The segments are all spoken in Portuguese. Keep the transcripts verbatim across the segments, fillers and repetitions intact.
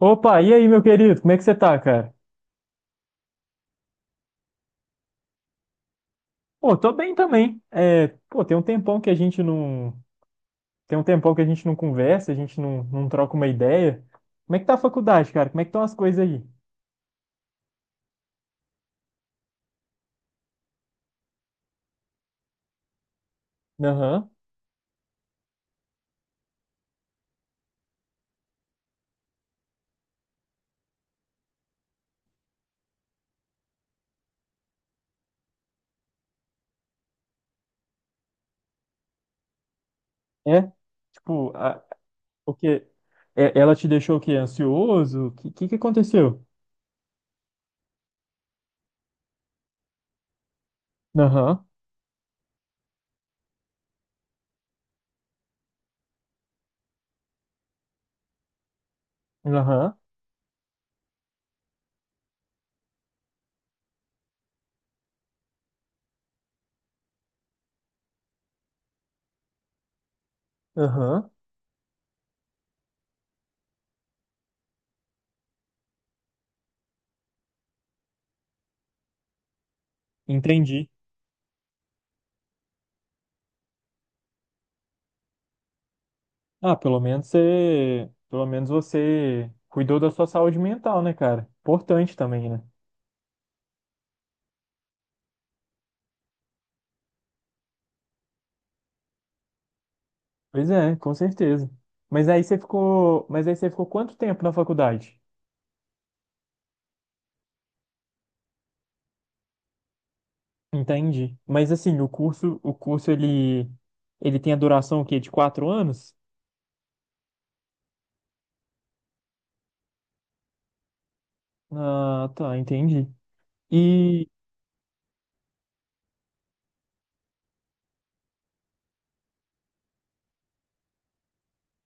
Opa, e aí, meu querido? Como é que você tá, cara? Pô, tô bem também. É, pô, tem um tempão que a gente não, Tem um tempão que a gente não conversa, a gente não, não troca uma ideia. Como é que tá a faculdade, cara? Como é que estão as coisas aí? Aham. É? Tipo, a, o quê? É, ela te deixou o quê? Ansioso? O que, que que aconteceu? Aham. Aham. Aham. Entendi. Ah, pelo menos você, pelo menos você cuidou da sua saúde mental, né, cara? Importante também, né? Pois é, com certeza. Mas aí você ficou, mas aí você ficou quanto tempo na faculdade? Entendi. Mas assim, o curso, o curso ele, ele tem a duração o quê? De quatro anos? Ah, tá, entendi. E,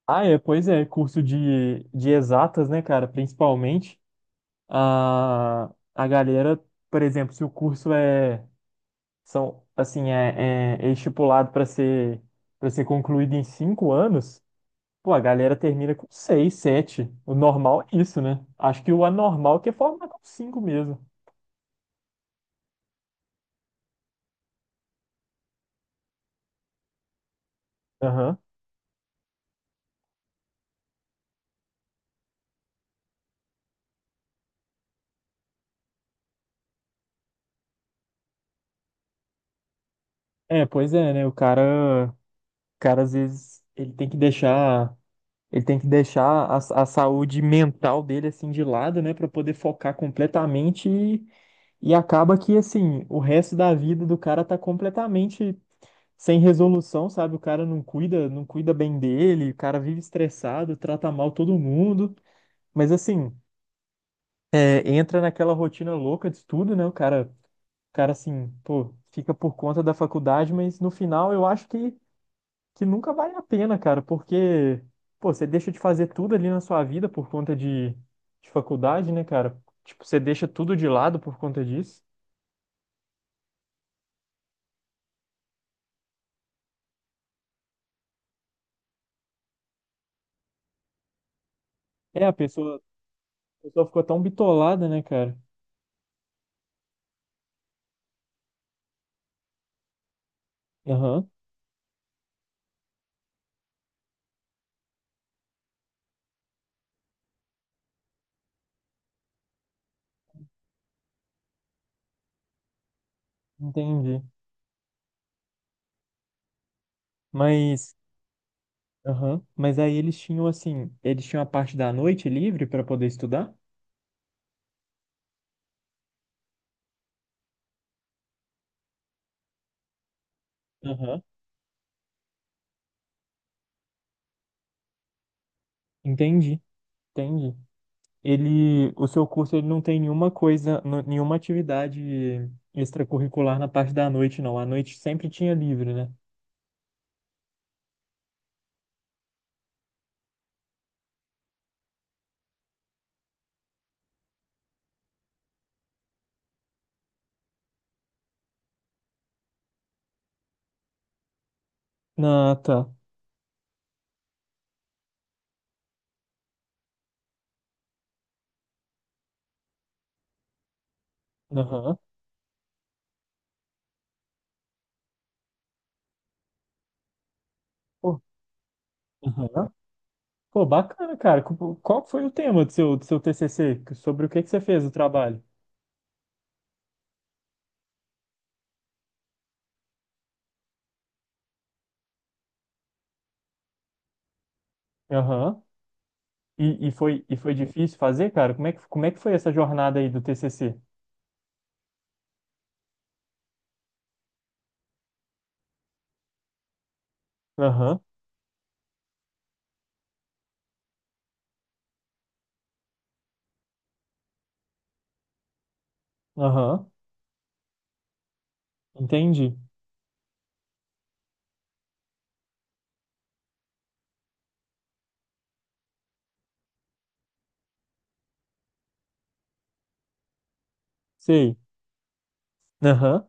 ah, é, pois é, curso de, de exatas, né, cara? Principalmente a, a galera, por exemplo, se o curso é, são, assim, é, é, é estipulado para ser, para ser concluído em cinco anos. Pô, a galera termina com seis, sete. O normal é isso, né? Acho que o anormal é que é formar com cinco mesmo. Aham. É, pois é, né? O cara, o cara às vezes ele tem que deixar, ele tem que deixar a, a saúde mental dele assim de lado, né, pra poder focar completamente e, e acaba que assim, o resto da vida do cara tá completamente sem resolução, sabe? O cara não cuida, não cuida bem dele, o cara vive estressado, trata mal todo mundo. Mas assim, entra naquela rotina louca de estudo, né? O cara, o cara assim, pô, fica por conta da faculdade, mas no final eu acho que, que nunca vale a pena, cara, porque, pô, você deixa de fazer tudo ali na sua vida por conta de, de faculdade, né, cara? Tipo, você deixa tudo de lado por conta disso. É, a pessoa, a pessoa ficou tão bitolada, né, cara? Aham, entendi. Mas, aham, mas aí eles tinham, assim, eles tinham a parte da noite livre pra poder estudar? Aham, entendi, entendi. Ele, o seu curso ele não tem nenhuma coisa, n- nenhuma atividade extracurricular na parte da noite, não. A noite sempre tinha livre, né? Ah, tá. Aham. Pô, aham. Pô, bacana, cara. Cu- Qual foi o tema do seu, do seu T C C? Sobre o que que você fez o trabalho? Aham. E, e foi, e foi difícil fazer, cara? Como é que, como é que foi essa jornada aí do T C C? Aham, aham. Entendi. Sei. Aham.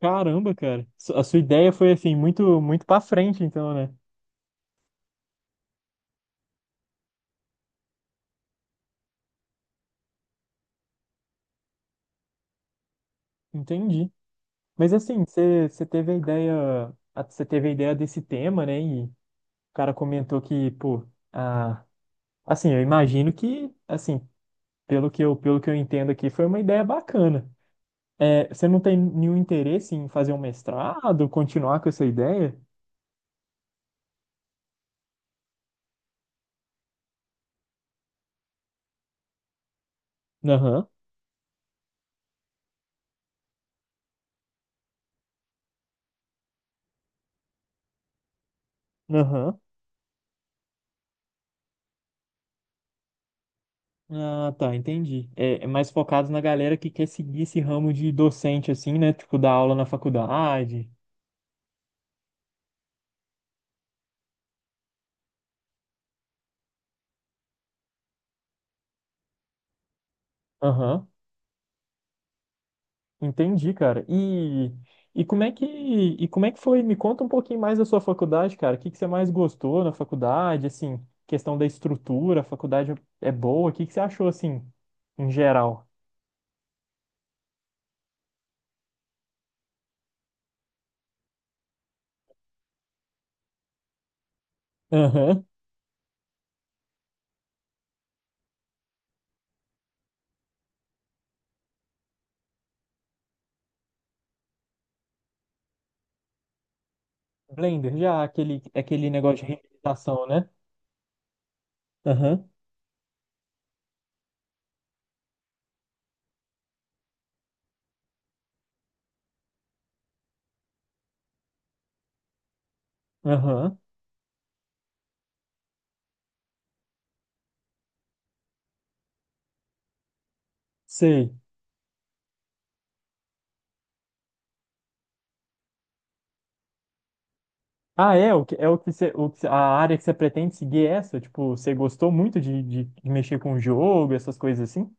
Caramba, cara. Su- A sua ideia foi assim, muito, muito pra frente, então, né? Entendi. Mas assim, você você teve a ideia, a- você teve a ideia desse tema, né? E o cara comentou que, pô, a, assim, eu imagino que, assim, pelo que eu, pelo que eu entendo aqui, foi uma ideia bacana. É, você não tem nenhum interesse em fazer um mestrado, continuar com essa ideia? Aham, aham. Ah, tá, entendi. É, é mais focado na galera que quer seguir esse ramo de docente, assim, né? Tipo, dar aula na faculdade. Aham. Entendi, cara. E, e como é que e como é que foi? Me conta um pouquinho mais da sua faculdade, cara. O que que você mais gostou na faculdade? Assim, questão da estrutura, a faculdade é boa. O que que você achou assim, em geral? Aham. Blender, já aquele aquele negócio de renderização, né? Aham. Aham. Sei. Ah, é o que é o que você o que você- a área que você pretende seguir é essa? Tipo, você gostou muito de, de, de mexer com o jogo, essas coisas assim?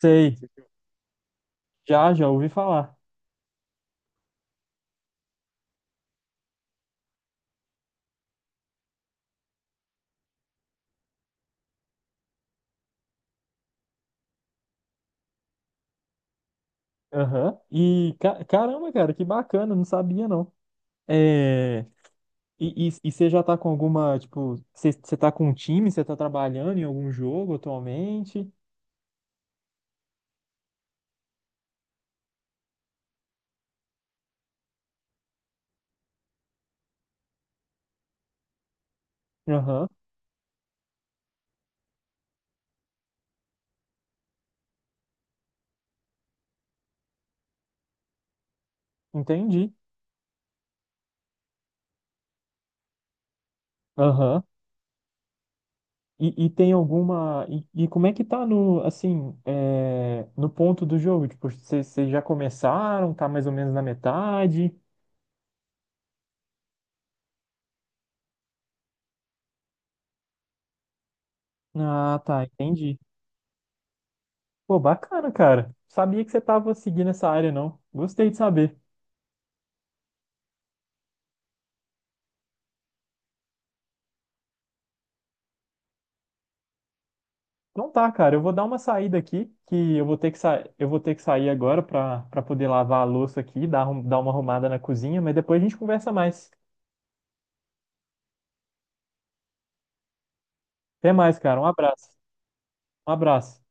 Sei. Já, já ouvi falar. Aham. E ca- caramba, cara, que bacana, não sabia não. É... E, e, e você já tá com alguma, tipo, você você tá com um time, você tá trabalhando em algum jogo atualmente? Aham, entendi. Aham. E, e tem alguma. E, e como é que tá no, assim, é, no ponto do jogo? Tipo, vocês vocês já começaram, tá mais ou menos na metade? Ah, tá, entendi. Pô, bacana, cara. Sabia que você tava seguindo essa área, não. Gostei de saber. Não tá, cara. Eu vou dar uma saída aqui, que eu vou ter que sa... eu vou ter que sair agora pra para poder lavar a louça aqui, dar, arrum- dar uma arrumada na cozinha, mas depois a gente conversa mais. Até mais, cara. Um abraço. Um abraço.